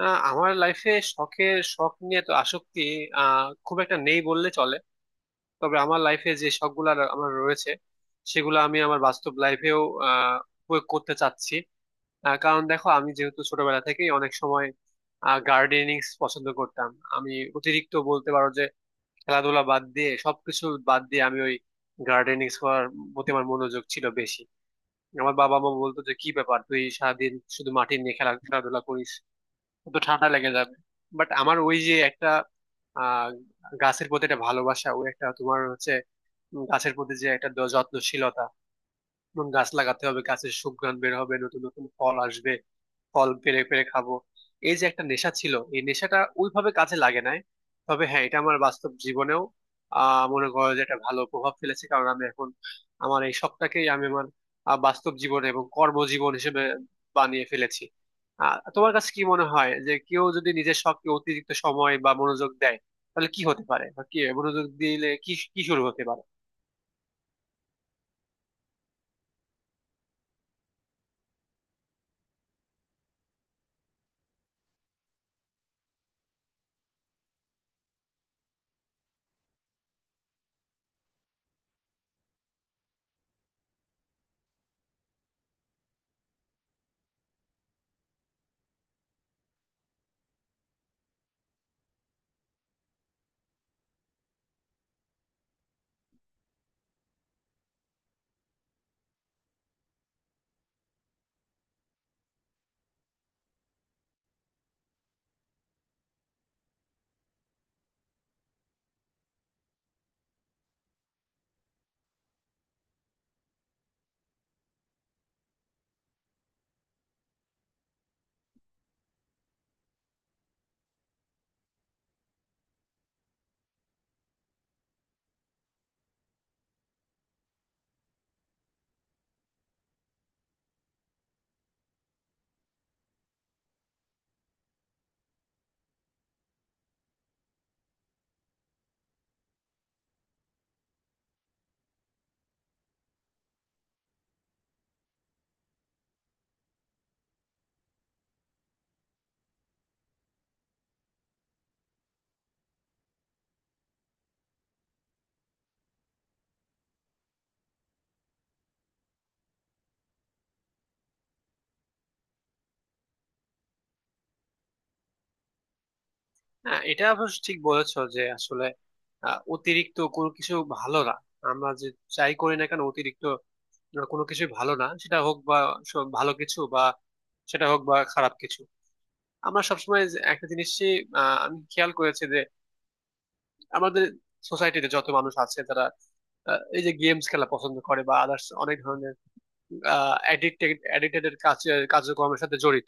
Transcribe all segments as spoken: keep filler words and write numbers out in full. আহ, আমার লাইফে শখের শখ নিয়ে তো আসক্তি আহ খুব একটা নেই বললে চলে। তবে আমার লাইফে যে শখগুলো আমার রয়েছে সেগুলো আমি আমার বাস্তব লাইফেও আহ প্রয়োগ করতে চাচ্ছি। আহ, কারণ দেখো, আমি যেহেতু ছোটবেলা থেকেই অনেক সময় গার্ডেনিং পছন্দ করতাম, আমি অতিরিক্ত বলতে পারো যে খেলাধুলা বাদ দিয়ে সবকিছু বাদ দিয়ে আমি ওই গার্ডেনিং করার প্রতি আমার মনোযোগ ছিল বেশি। আমার বাবা মা বলতো যে কি ব্যাপার, তুই সারাদিন শুধু মাটি নিয়ে খেলা খেলাধুলা করিস, তো ঠান্ডা লেগে যাবে। বাট আমার ওই যে একটা আহ গাছের প্রতি একটা ভালোবাসা, ওই একটা তোমার হচ্ছে উম, গাছের প্রতি যে একটা দ- যত্নশীলতা, যেমন গাছ লাগাতে হবে, গাছের সুঘ্রাণ বের হবে, নতুন নতুন ফল আসবে, ফল পেরে পেরে খাবো। এই যে একটা নেশা ছিল, এই নেশাটা ওইভাবে কাজে লাগে নাই। তবে হ্যাঁ, এটা আমার বাস্তব জীবনেও আহ মনে করো যে একটা ভালো প্রভাব ফেলেছে, কারণ আমি এখন আমার এই শখটাকেই আমি আমার আহ, বাস্তব জীবন এবং কর্মজীবন হিসেবে বানিয়ে ফেলেছি। আহ তোমার কাছে কি মনে হয় যে কেউ যদি নিজের শখকে অতিরিক্ত সময় বা মনোযোগ দেয় তাহলে কি হতে পারে, বা কি মনোযোগ দিলে কি কি শুরু হতে পারে? হ্যাঁ, এটা অবশ্য ঠিক বলেছো যে আসলে আহ, অতিরিক্ত কোনো কিছু ভালো না। আমরা যে চাই করি না কেন অতিরিক্ত কোনো কিছু ভালো না, সেটা হোক বা স- ভালো কিছু, বা সেটা হোক বা খারাপ কিছু। আমরা সবসময় যে একটা জিনিসই আহ, আমি খেয়াল করেছি যে আমাদের সোসাইটিতে যত মানুষ আছে তারা আহ, এই যে গেমস খেলা পছন্দ করে বা আদার্স, অনেক ধরনের অ্যাডিক্টেড অ্যাডিক্টেড কাজ কার্যক্রমের সাথে জড়িত।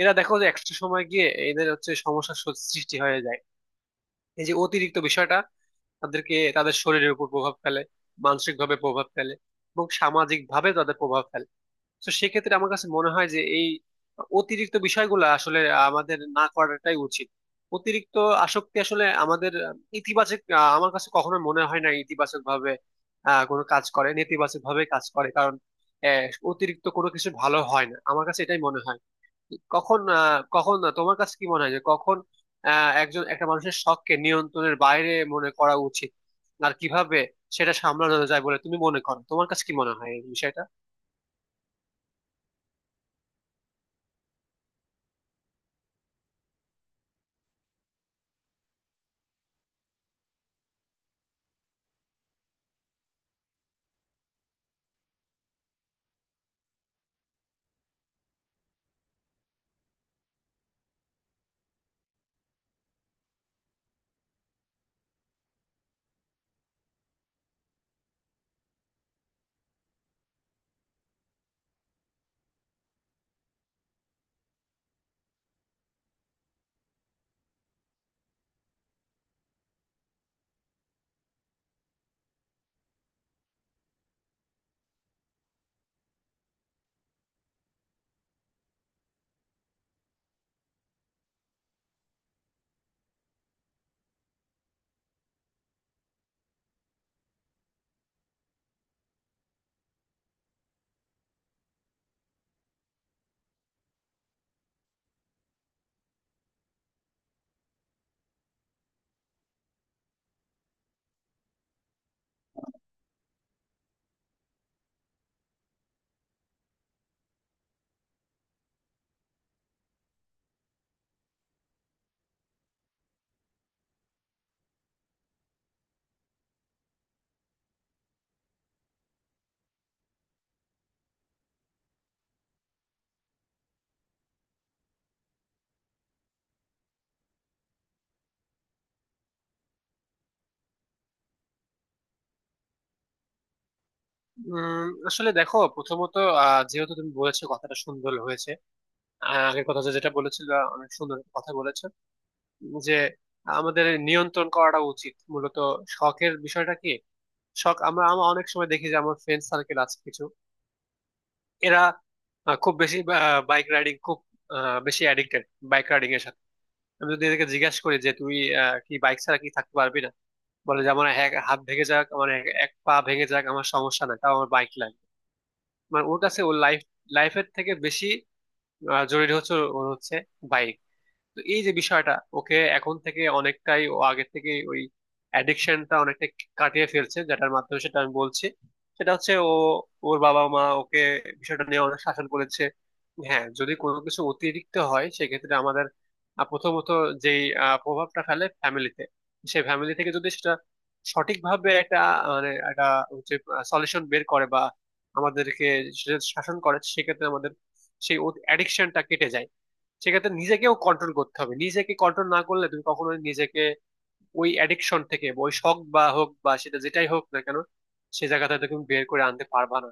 এরা দেখো যে একটা সময় গিয়ে এদের হচ্ছে সমস্যার সৃষ্টি হয়ে যায়। এই যে অতিরিক্ত বিষয়টা তাদেরকে, তাদের শরীরের উপর প্রভাব ফেলে, মানসিক ভাবে প্রভাব ফেলে, এবং সামাজিক ভাবে তাদের প্রভাব ফেলে। তো সেক্ষেত্রে আমার কাছে মনে হয় যে এই অতিরিক্ত বিষয়গুলো আসলে আমাদের না করাটাই উচিত। অতিরিক্ত আসক্তি আসলে আমাদের ইতিবাচক, আহ, আমার কাছে কখনো মনে হয় না ইতিবাচক ভাবে আহ, কোনো কাজ করে, নেতিবাচক ভাবে কাজ করে, কারণ আহ, অতিরিক্ত কোনো কিছু ভালো হয় না, আমার কাছে এটাই মনে হয়। কখন আহ, কখন তোমার কাছে কি মনে হয় যে কখন আহ, একজন একটা মানুষের শখকে নিয়ন্ত্রণের বাইরে মনে করা উচিত, আর কিভাবে সেটা সামলানো যায় বলে তুমি মনে করো, তোমার কাছে কি মনে হয় এই বিষয়টা? উম, আসলে দেখো, প্রথমত আহ, যেহেতু তুমি বলেছো কথাটা সুন্দর হয়েছে, আহ, আগের কথা যে যেটা বলেছিল, অনেক সুন্দর একটা কথা বলেছো যে আমাদের নিয়ন্ত্রণ করাটা উচিত। মূলত শখের বিষয়টা কি, শখ, আমরা আমরা অনেক সময় দেখি যে আমার ফ্রেন্ড সার্কেল আছে কিছু, এরা আহ, খুব বেশি বাইক রাইডিং, খুব আহ, বেশি অ্যাডিক্টেড বাইক রাইডিং এর সাথে। আমি যদি এদেরকে জিজ্ঞাসা করি যে তুই আহ, কি বাইক ছাড়া কি থাকতে পারবি না, বলে যে আমার এক হাত ভেঙে যাক, আমার এক এক পা ভেঙে যাক, আমার সমস্যা নাই, তাও আমার বাইক লাগবে। মানে ওর কাছে ওর লাইফ, লাইফের থেকে বেশি আহ, জরুরি হচ্ছে ওর হচ্ছে বাইক। তো এই যে বিষয়টা, ওকে এখন থেকে অনেকটাই ও আগে থেকে ওই অ্যাডিকশনটা অনেকটাই কাটিয়ে ফেলছে, যেটার মাধ্যমে সেটা আমি বলছি, সেটা হচ্ছে ও, ওর বাবা মা ওকে বিষয়টা নিয়ে অনেক শাসন করেছে। হ্যাঁ, যদি কোনো কিছু অতিরিক্ত হয় সেক্ষেত্রে আমাদের আহ, প্রথমত যে প্রভাবটা ফেলে ফ্যামিলিতে, সেই ফ্যামিলি থেকে যদি সেটা সঠিকভাবে একটা মানে একটা হচ্ছে সলিউশন বের করে বা আমাদেরকে সেটা শাসন করে, সেক্ষেত্রে আমাদের সেই অ্যাডিকশনটা কেটে যায়। সেক্ষেত্রে নিজেকেও কন্ট্রোল করতে হবে, নিজেকে কন্ট্রোল না করলে তুমি কখনো নিজেকে ওই অ্যাডিকশন থেকে বা ওই শখ বা হোক বা সেটা যেটাই হোক না কেন, সে জায়গাটা তুমি বের করে আনতে পারবা না।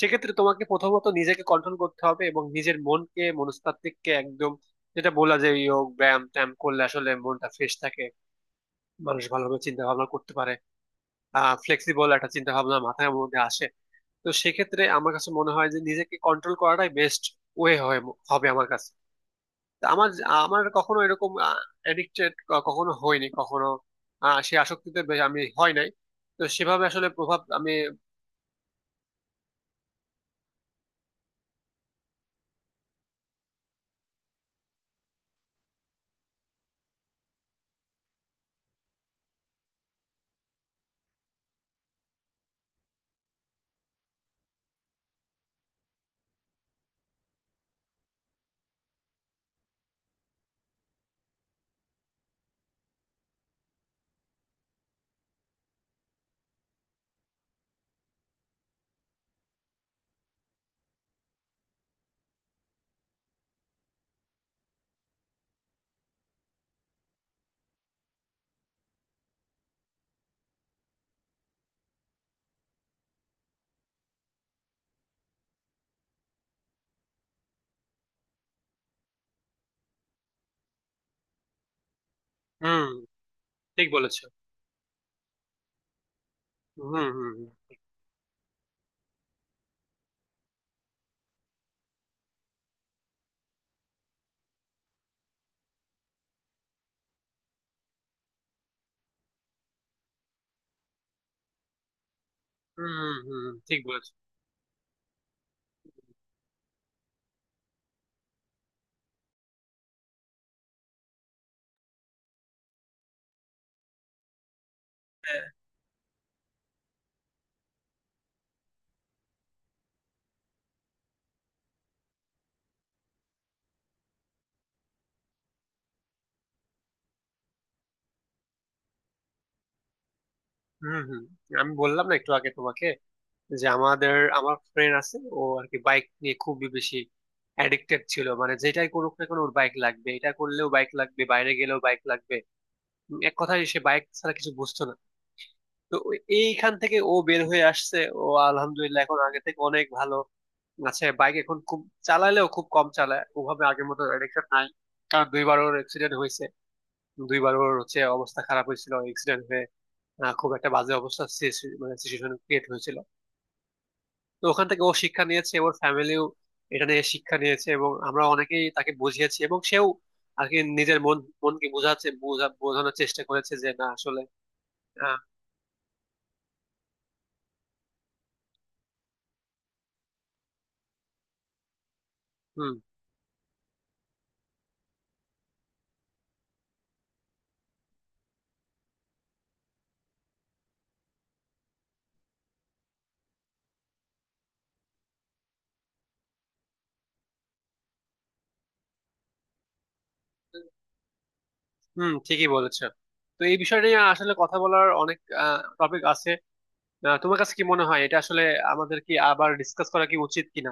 সেক্ষেত্রে তোমাকে প্রথমত নিজেকে কন্ট্রোল করতে হবে এবং নিজের মনকে মনস্তাত্ত্বিককে একদম, যেটা বলা যায় যোগ ব্যায়াম ট্যায়াম করলে আসলে মনটা ফ্রেশ থাকে, মানুষ ভালোভাবে চিন্তা ভাবনা করতে পারে, আহ ফ্লেক্সিবল একটা চিন্তা ভাবনা মাথার মধ্যে আসে। তো সেক্ষেত্রে আমার কাছে মনে হয় যে নিজেকে কন্ট্রোল করাটাই বেস্ট ওয়ে হবে আমার কাছে। তা আমার, আমার কখনো এরকম এডিক্টেড কখনো হয়নি, কখনো আহ, সে আসক্তিতে বে- আমি হয় নাই। তো সেভাবে আসলে প্রভাব আমি। হুম, ঠিক বলেছো। হুম হুম হুম হুম। হুম হুম, ঠিক বলেছো। হ্যাঁ, হুম হুম। আমি বললাম না একটু আগে তোমাকে যে আমাদের আমার ফ্রেন্ড আছে, ও আর কি বাইক নিয়ে খুবই বেশি অ্যাডিক্টেড ছিল, মানে যেটাই করুক না কেন ওর বাইক লাগবে, এটা করলেও বাইক লাগবে, বাইরে গেলেও বাইক লাগবে। উম, এক কথায় সে বাইক ছাড়া কিছু বুঝতো না। তো ওই- এইখান থেকে ও বের হয়ে আসছে, ও আলহামদুলিল্লাহ এখন আগে থেকে অনেক ভালো আছে। বাইক এখন খুব চালালেও খুব কম চালায়, ওভাবে আগের মতো অ্যাডিকশন নাই। কারণ দুইবার ওর অ্যাক্সিডেন্ট হয়েছে, দুইবার ওর হচ্ছে অবস্থা খারাপ হয়েছিল অ্যাক্সিডেন্ট হয়ে। আহ, খুব একটা বাজে অবস্থা সিচু- মানে সিচুয়েশন ক্রিয়েট হয়েছিল। তো ওখান থেকে ও শিক্ষা নিয়েছে, ওর ফ্যামিলিও এটা নিয়ে শিক্ষা নিয়েছে, এবং আমরা অনেকেই তাকে বুঝিয়েছি এবং সেও আর কি নিজের মন মনকে বোঝাচ্ছে, বোঝা- বোঝানোর চেষ্টা করেছে যে না আসলে আহ, হুম হুম, ঠিকই বলেছো। তো এই বিষয় নিয়ে আসলে কথা বলার অনেক টপিক আছে। আহ, তোমার কাছে কি মনে হয় এটা আসলে আমাদের কি আবার ডিসকাস করা কি উচিত কিনা?